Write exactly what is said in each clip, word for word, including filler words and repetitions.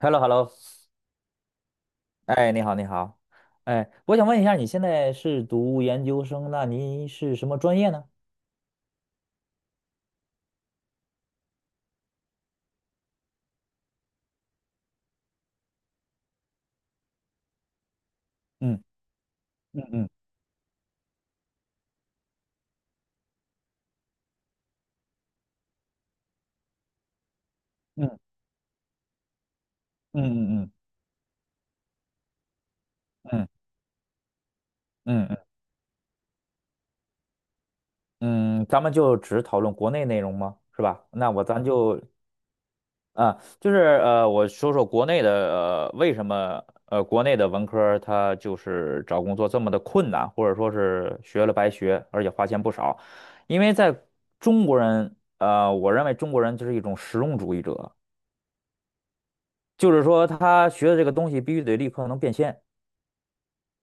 h e l l o h e l l o。 哎，你好，你好。哎，我想问一下，你现在是读研究生，那您是什么专业呢？嗯嗯嗯嗯嗯嗯嗯嗯嗯嗯，嗯嗯嗯嗯嗯嗯嗯嗯。咱们就只讨论国内内容吗？是吧？那我咱就啊，就是呃，我说说国内的。呃，为什么呃，国内的文科他就是找工作这么的困难，或者说是学了白学，而且花钱不少，因为在中国人呃，我认为中国人就是一种实用主义者。就是说他学的这个东西必须得立刻能变现，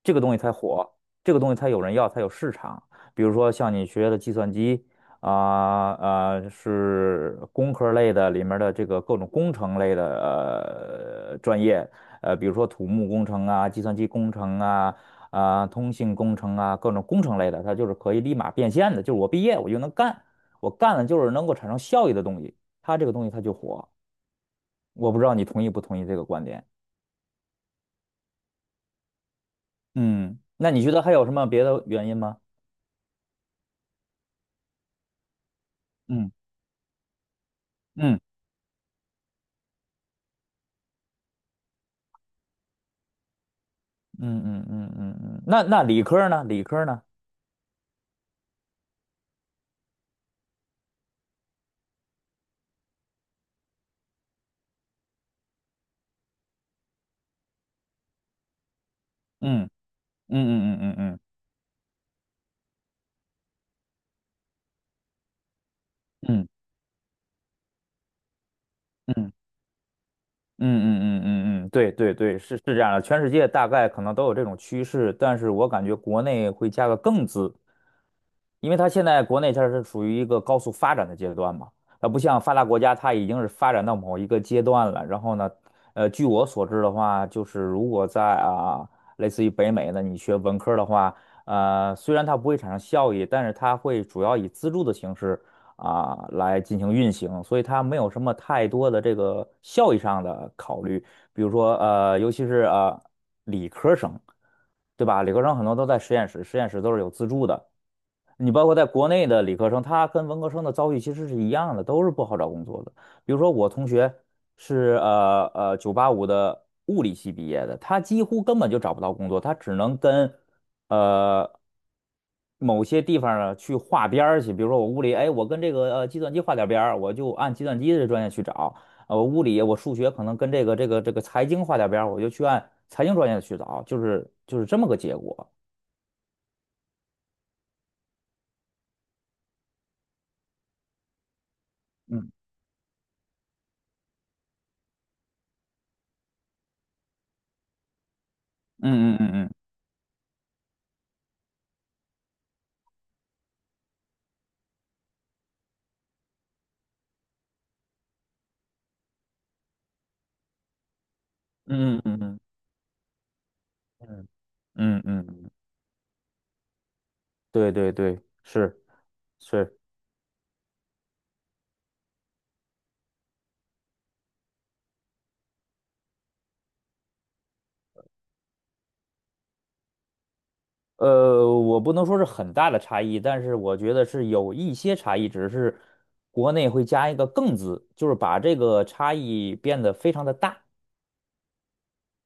这个东西才火，这个东西才有人要，才有市场。比如说像你学的计算机啊啊、是工科类的里面的这个各种工程类的呃专业。呃，比如说土木工程啊、计算机工程啊、啊、通信工程啊，各种工程类的，它就是可以立马变现的，就是我毕业我就能干，我干了就是能够产生效益的东西，它这个东西它就火。我不知道你同意不同意这个观点。嗯，那你觉得还有什么别的原因吗？嗯嗯嗯嗯嗯嗯嗯。那那理科儿呢？理科儿呢？嗯嗯嗯嗯嗯嗯嗯嗯嗯嗯嗯嗯，对对对，是是这样的，全世界大概可能都有这种趋势，但是我感觉国内会加个“更”字，因为它现在国内它是属于一个高速发展的阶段嘛，它不像发达国家，它已经是发展到某一个阶段了。然后呢，呃，据我所知的话，就是如果在啊，类似于北美呢，你学文科儿的话，呃，虽然它不会产生效益，但是它会主要以资助的形式啊，来进行运行，所以它没有什么太多的这个效益上的考虑。比如说，呃，尤其是呃理科生，对吧？理科生很多都在实验室，实验室都是有资助的。你包括在国内的理科生，他跟文科生的遭遇其实是一样的，都是不好找工作的。比如说我同学是呃呃九八五的物理系毕业的，他几乎根本就找不到工作，他只能跟呃某些地方呢去划边儿去。比如说我物理，哎，我跟这个呃计算机划点边儿，我就按计算机的专业去找。呃，我物理我数学可能跟这个这个这个财经划点边儿，我就去按财经专业去找，就是就是这么个结果。嗯，嗯嗯嗯嗯嗯嗯嗯嗯。嗯嗯嗯，对对对，是是，呃，我不能说是很大的差异，但是我觉得是有一些差异，只是国内会加一个“更”字，就是把这个差异变得非常的大。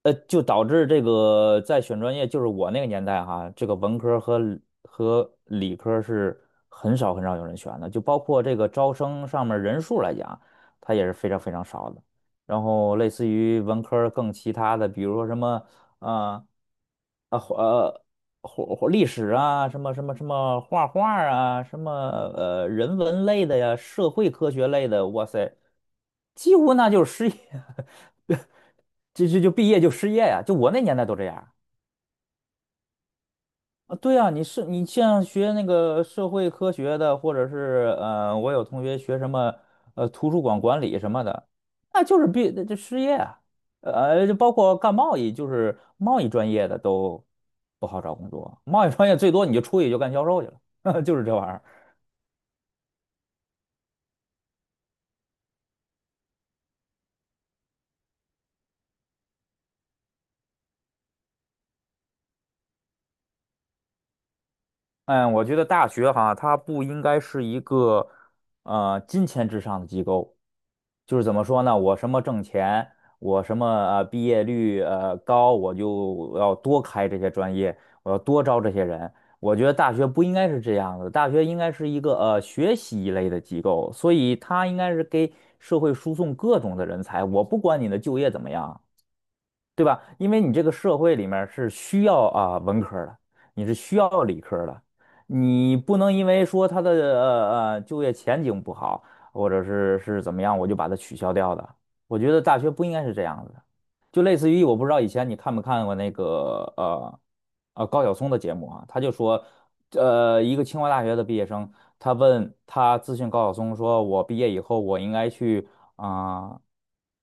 呃，就导致这个在选专业，就是我那个年代哈，这个文科儿和理和理科儿是很少很少有人选的，就包括这个招生上面儿人数来讲，它也是非常非常少的。然后类似于文科儿更其他的，比如说什么啊啊呃或或历史啊，什么什么什么画画儿啊，什么呃人文类的呀，社会科学类的，哇塞，几乎那就是失业，就就就毕业就失业呀、就我那年代都这样啊。对啊，你是你像学那个社会科学的，或者是呃，我有同学学什么呃图书馆管理什么的，那就是毕这失业啊。呃，就包括干贸易，就是贸易专业的都不好找工作，贸易专业最多你就出去就干销售去了，就是这玩意儿。嗯，我觉得大学哈，它不应该是一个呃金钱至上的机构，就是怎么说呢？我什么挣钱，我什么呃毕业率呃高，我就要多开这些专业，我要多招这些人。我觉得大学不应该是这样的，大学应该是一个呃学习一类的机构，所以它应该是给社会输送各种的人才。我不管你的就业怎么样，对吧？因为你这个社会里面是需要啊文科儿的，你是需要理科儿的，你不能因为说他的呃呃就业前景不好，或者是是怎么样，我就把它取消掉的。我觉得大学不应该是这样子的。就类似于我不知道以前你看没看过那个呃呃高晓松的节目啊，他就说，呃，一个清华大学的毕业生，他问他咨询高晓松说，我毕业以后我应该去啊、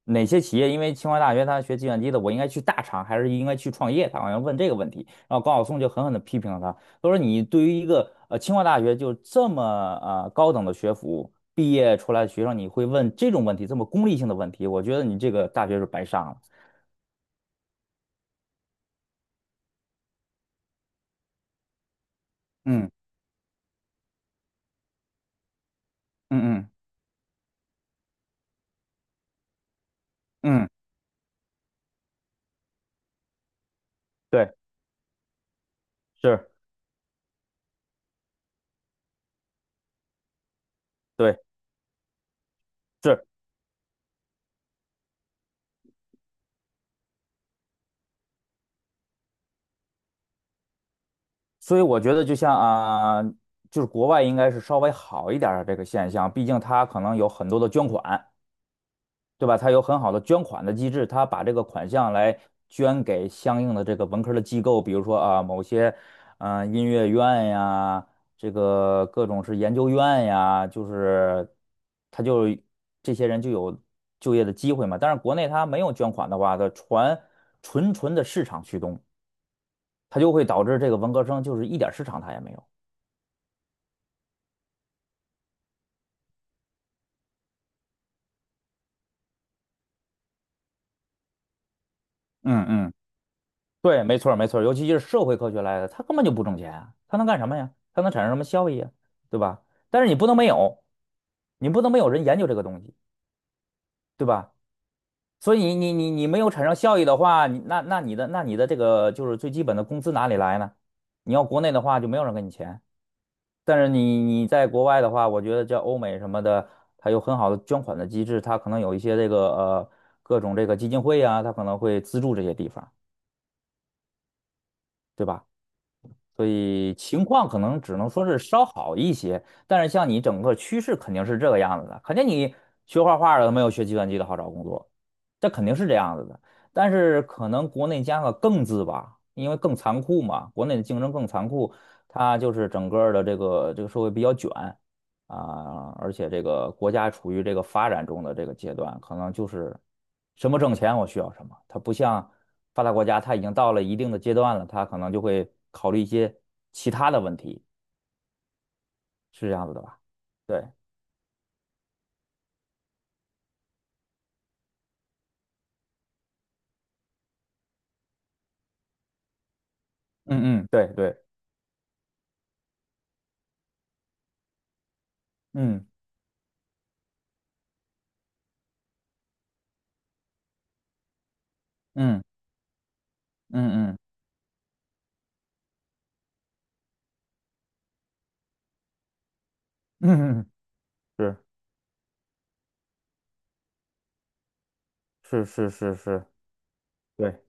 哪些企业？因为清华大学他学计算机的，我应该去大厂还是应该去创业？他好像问这个问题，然后高晓松就狠狠的批评了他，他说你对于一个呃清华大学就这么呃高等的学府。毕业出来的学生，你会问这种问题，这么功利性的问题，我觉得你这个大学是白上了。嗯嗯嗯嗯，对，是，对，是，所以我觉得就像啊、就是国外应该是稍微好一点儿的这个现象，毕竟它可能有很多的捐款，对吧？他有很好的捐款的机制，他把这个款项来捐给相应的这个文科的机构，比如说啊，某些嗯、呃音乐院呀，这个各种是研究院呀，就是他就这些人就有就业的机会嘛。但是国内他没有捐款的话，它纯纯纯的市场驱动，它就会导致这个文科生就是一点市场他也没有。嗯嗯。对，没错儿没错儿尤其是社会科学来的，它根本就不挣钱啊，它能干什么呀？它能产生什么效益啊？对吧？但是你不能没有，你不能没有人研究这个东西，对吧？所以你你你你没有产生效益的话，你那那你的那你的这个就是最基本的工资哪里来呢？你要国内的话就没有人给你钱，但是你你在国外的话，我觉得叫欧美什么的，它有很好的捐款的机制，它可能有一些这个呃各种这个基金会啊，它可能会资助这些地方，对吧？所以情况可能只能说是稍好一些，但是像你整个趋势肯定是这个样子的，肯定你学画画的没有学计算机的好找工作，这肯定是这样子的。但是可能国内加个“更”字吧，因为更残酷嘛，国内的竞争更残酷，它就是整个的这个这个社会比较卷，啊，而且这个国家处于这个发展中的这个阶段，可能就是什么挣钱我需要什么，它不像发达国家，它已经到了一定的阶段了，它可能就会考虑一些其他的问题，是这样子的吧？对，嗯嗯，对对，嗯嗯嗯嗯嗯嗯，是是是是是，对。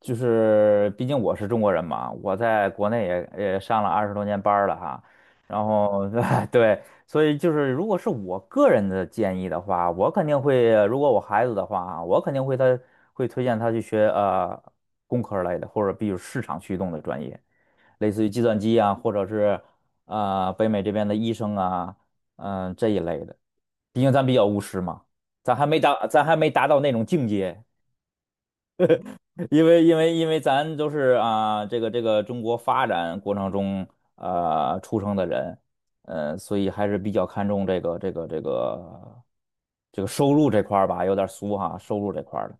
就是毕竟我是中国人嘛，我在国内也也上了二十多年班儿了哈，然后 对，所以就是如果是我个人的建议的话，我肯定会，如果我孩子的话啊，我肯定会他会推荐他去学呃工科类的，或者比如市场驱动的专业，类似于计算机啊，或者是呃北美这边的医生啊，嗯、这一类的，毕竟咱比较务实嘛，咱还没达咱还没达到那种境界。因为因为因为咱都是啊，这个这个中国发展过程中啊出生的人，呃，所以还是比较看重这个这个这个这个收入这块儿吧，有点俗哈，收入这块儿的。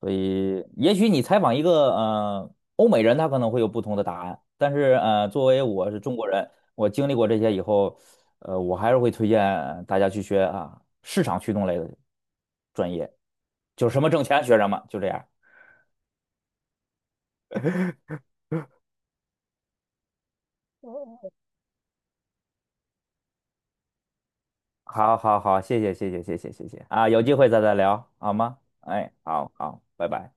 所以也许你采访一个呃欧美人，他可能会有不同的答案，但是呃，作为我是中国人，我经历过这些以后，呃，我还是会推荐大家去学啊市场驱动类的专业，就是什么挣钱学什么，就这样。好好好，谢谢谢谢谢谢谢谢啊，有机会再再聊好吗？哎，好好，拜拜。